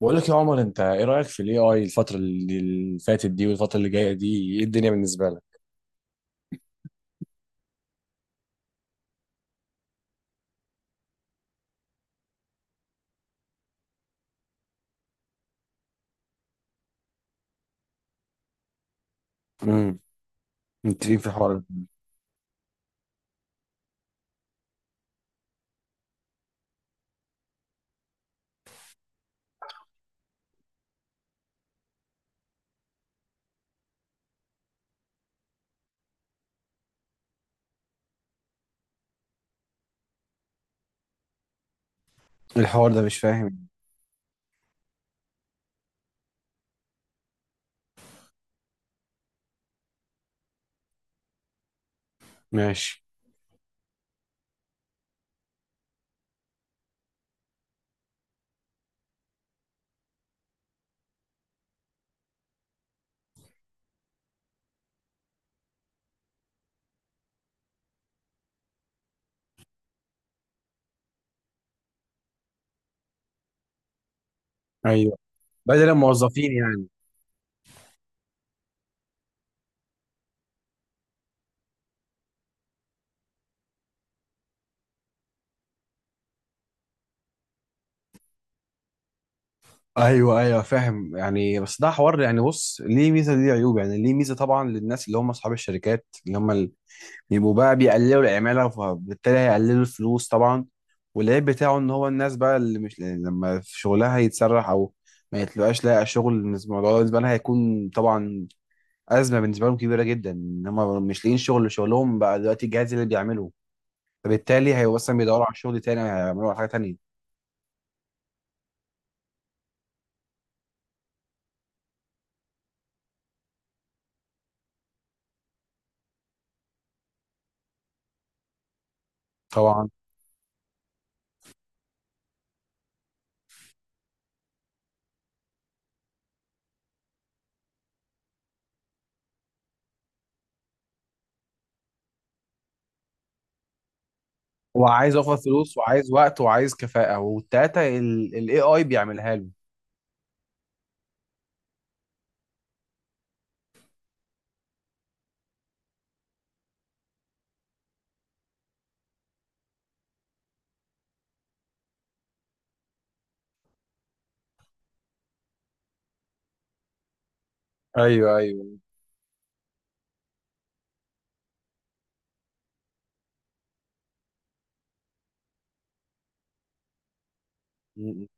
بقول لك يا عمر، انت ايه رايك في الاي اي الفتره اللي فاتت دي والفتره اللي جايه دي؟ ايه الدنيا بالنسبه لك؟ امم. متفقين في الحوار ده. الحوار ده مش فاهم. ماشي. ايوه، بدل الموظفين يعني. ايوه ايوه فاهم يعني، بس ده حوار يعني. بص، ليه ميزه ليه عيوب. يعني ليه ميزه طبعا للناس اللي هم اصحاب الشركات اللي هم اللي بيبقوا بقى بيقللوا العماله، فبالتالي هيقللوا الفلوس طبعا. والعيب بتاعه ان هو الناس بقى اللي مش يعني لما في شغلها يتسرح او ما يتلقاش لاقي شغل، الموضوع ده بالنسبه لها هيكون طبعا ازمه بالنسبه لهم كبيره جدا ان هم مش لاقيين شغل، شغلهم بقى دلوقتي الجهاز اللي بيعمله، فبالتالي هيبقوا اصلا بيدوروا على شغل تاني، هيعملوا على حاجه تانيه. طبعا. هو عايز اوفر فلوس وعايز وقت وعايز كفاءه، والتلاته الاي اي بيعملها له. ايوه ايوه. م- م.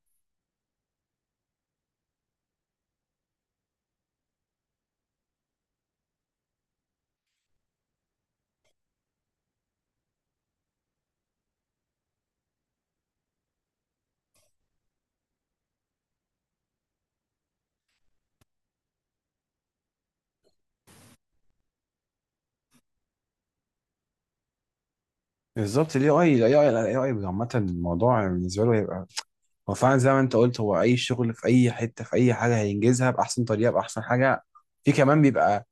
بالظبط. الاي اي الاي اي الاي اي عامه الموضوع بالنسبه له هيبقى هو فعلا زي ما انت قلت، هو اي شغل في اي حته في اي حاجه هينجزها باحسن طريقه باحسن حاجه. في كمان بيبقى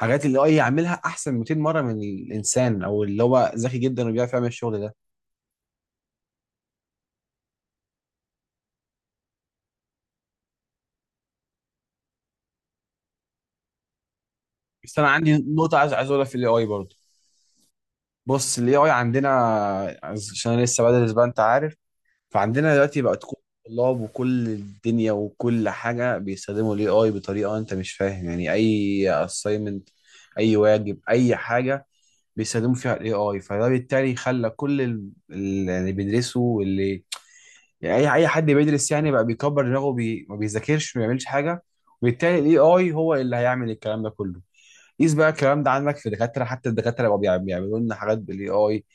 حاجات اللي اي يعملها احسن 200 مره من الانسان، او اللي هو ذكي جدا وبيعرف يعمل الشغل ده. بس انا عندي نقطه عايز اقولها في الاي اي برضه. بص، الاي اي عندنا، عشان انا لسه بدرس بقى انت عارف، فعندنا دلوقتي بقت كل الطلاب وكل الدنيا وكل حاجه بيستخدموا الاي اي بطريقه انت مش فاهم. يعني اي اساينمنت اي واجب اي حاجه بيستخدموا فيها الاي اي، فده بالتالي خلى كل اللي بيدرسوا واللي يعني اي اي حد بيدرس يعني بقى بيكبر دماغه ما بيذاكرش ما بيعملش حاجه، وبالتالي الاي اي هو اللي هيعمل الكلام ده كله. قيس بقى الكلام ده عندك في دكاتره، حتى الدكاتره بقوا بيعملوا لنا حاجات بالاي اي.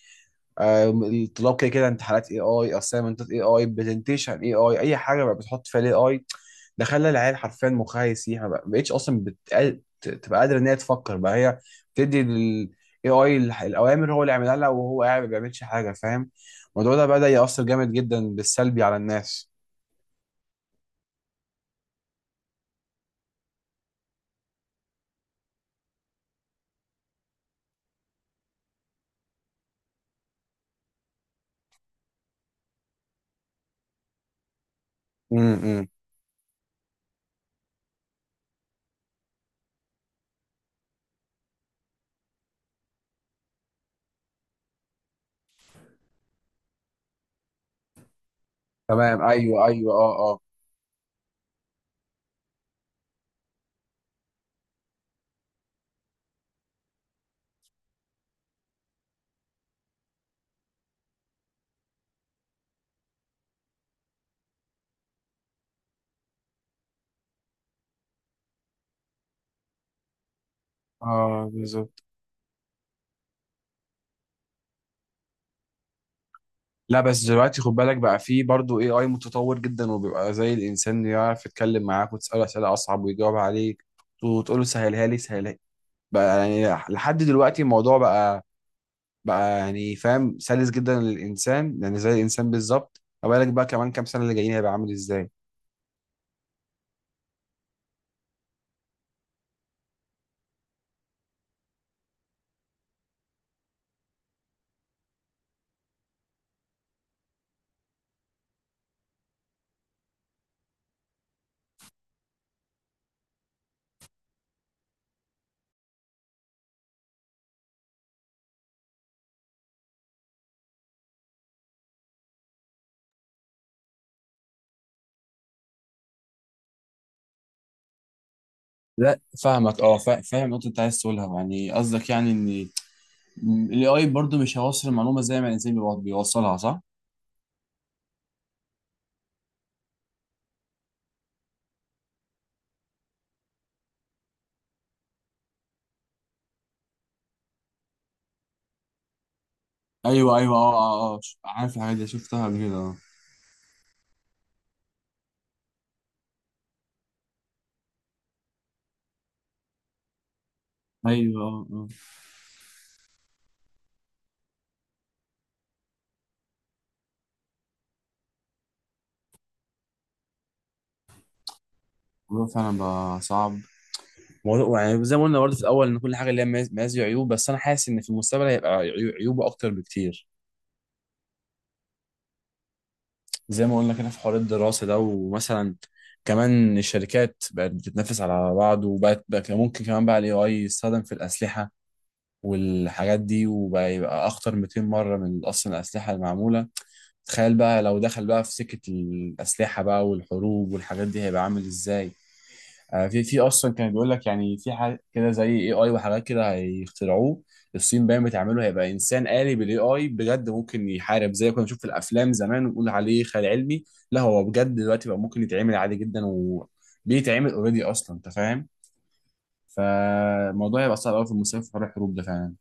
الطلاب كده كده امتحانات اي اي، اسايمنتات اي اي، برزنتيشن اي اي، اي حاجه بقى بتحط فيها الاي اي. ده خلى العيال حرفيا مخها يسيح، ما بقتش اصلا تبقى قادره ان هي تفكر بقى هي، بتدي للاي اي الاوامر هو اللي يعملها لها وهو قاعد ما بيعملش حاجه، فاهم؟ الموضوع ده بدا ياثر جامد جدا بالسلبي على الناس. امم. تمام. ايوه ايوه اه اه اه. بالظبط. لا بس دلوقتي خد بالك بقى، فيه برضه اي اي متطور جدا وبيبقى زي الانسان، يعرف يتكلم معاك وتساله اسئله اصعب ويجاوب عليك، وتقول له سهلها لي سهلها لي بقى. يعني لحد دلوقتي الموضوع بقى يعني فاهم سلس جدا للانسان، يعني زي الانسان بالظبط. ما بالك بقى كمان كام سنه اللي جايين هيبقى عامل ازاي؟ لا فاهمك، اه فاهم النقطة اللي انت عايز تقولها. يعني قصدك يعني ان ال AI برضه مش هيوصل المعلومة زي ما الانسان بيوصلها، صح؟ ايوه ايوه اه اه اه. عارف، الحاجات دي شفتها قبل كده. اه. ايوه. اه. الموضوع فعلا بقى صعب. موضوع يعني زي ما قلنا برضه في الاول ان كل حاجه ليها مزايا وعيوب، بس انا حاسس ان في المستقبل هيبقى عيوبه اكتر بكتير. زي ما قلنا كده في حوار الدراسه ده، ومثلا كمان الشركات بقت بتتنافس على بعض، وبقت بقى كان ممكن كمان بقى الاي اي يستخدم في الاسلحه والحاجات دي، وبقى يبقى اخطر 200 مره من اصلا الاسلحه المعموله. تخيل بقى لو دخل بقى في سكه الاسلحه بقى والحروب والحاجات دي هيبقى عامل ازاي. في في اصلا كان بيقول لك يعني في حاجه كده زي اي اي وحاجات كده هيخترعوه. الصين باين بتعمله، هيبقى انسان آلي بالاي اي بجد ممكن يحارب زي ما كنا بنشوف في الافلام زمان ونقول عليه خيال علمي. لا، هو بجد دلوقتي بقى ممكن يتعمل عادي جدا، وبيتعمل اوريدي اصلا، انت فاهم. فالموضوع هيبقى صعب قوي في المستقبل في حوار الحروب ده فعلا.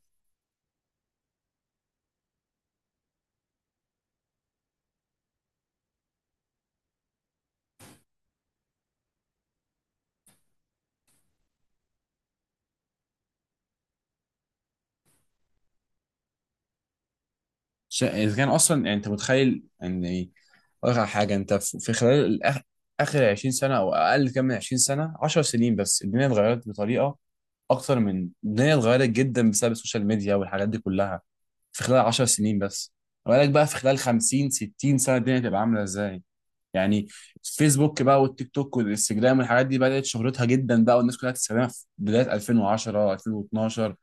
اذا كان اصلا يعني انت متخيل ان ايه. اقول لك على حاجه، انت في في خلال اخر 20 سنه او اقل، كام من 20 سنه، 10 سنين بس الدنيا اتغيرت بطريقه اكتر من الدنيا اتغيرت جدا بسبب السوشيال ميديا والحاجات دي كلها. في خلال 10 سنين بس، ما بالك بقى في خلال 50 60 سنه الدنيا تبقى عامله ازاي. يعني فيسبوك بقى والتيك توك والانستجرام والحاجات دي بدات شهرتها جدا بقى والناس كلها تستخدمها في بدايه 2010 2012.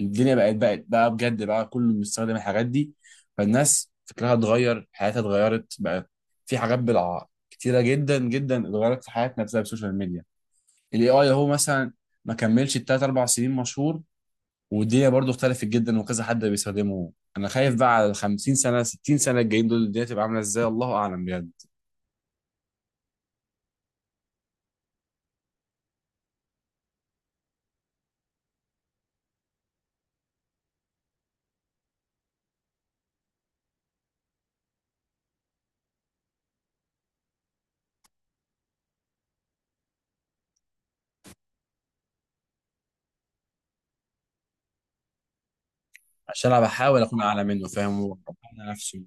الدنيا بقت بقى بجد بقى كله بيستخدم الحاجات دي، فالناس فكرها اتغير، حياتها اتغيرت بقى. في حاجات بالع كتيره جدا جدا اتغيرت في حياتنا بسبب السوشيال ميديا. الاي اي اهو مثلا ما كملش التلات اربع سنين مشهور والدنيا برضو اختلفت جدا وكذا حد بيستخدمه. انا خايف بقى على ال 50 سنه 60 سنه الجايين دول الدنيا تبقى عامله ازاي، الله اعلم بجد. عشان انا بحاول اكون اعلى منه، فاهم، واقنع نفسي.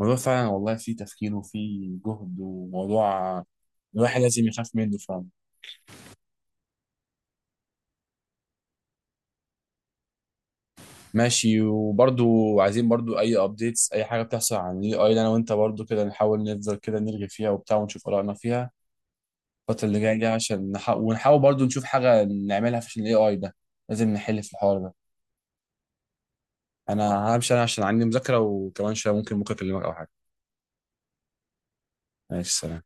الموضوع فعلا والله فيه تفكير وفيه جهد وموضوع الواحد لازم يخاف منه فعلا. ماشي. وبرضو عايزين برضو اي ابديتس اي حاجه بتحصل عن الاي اي انا وانت برضو كده نحاول نفضل كده نرغي فيها وبتاع ونشوف ارائنا فيها الفتره اللي جايه دي، عشان ونحاول برضو نشوف حاجه نعملها في الاي اي ده. لازم نحل في الحوار ده. انا همشي انا، عشان عندي مذاكرة، وكمان شوية ممكن بكرة اكلمك او حاجة. ماشي، سلام.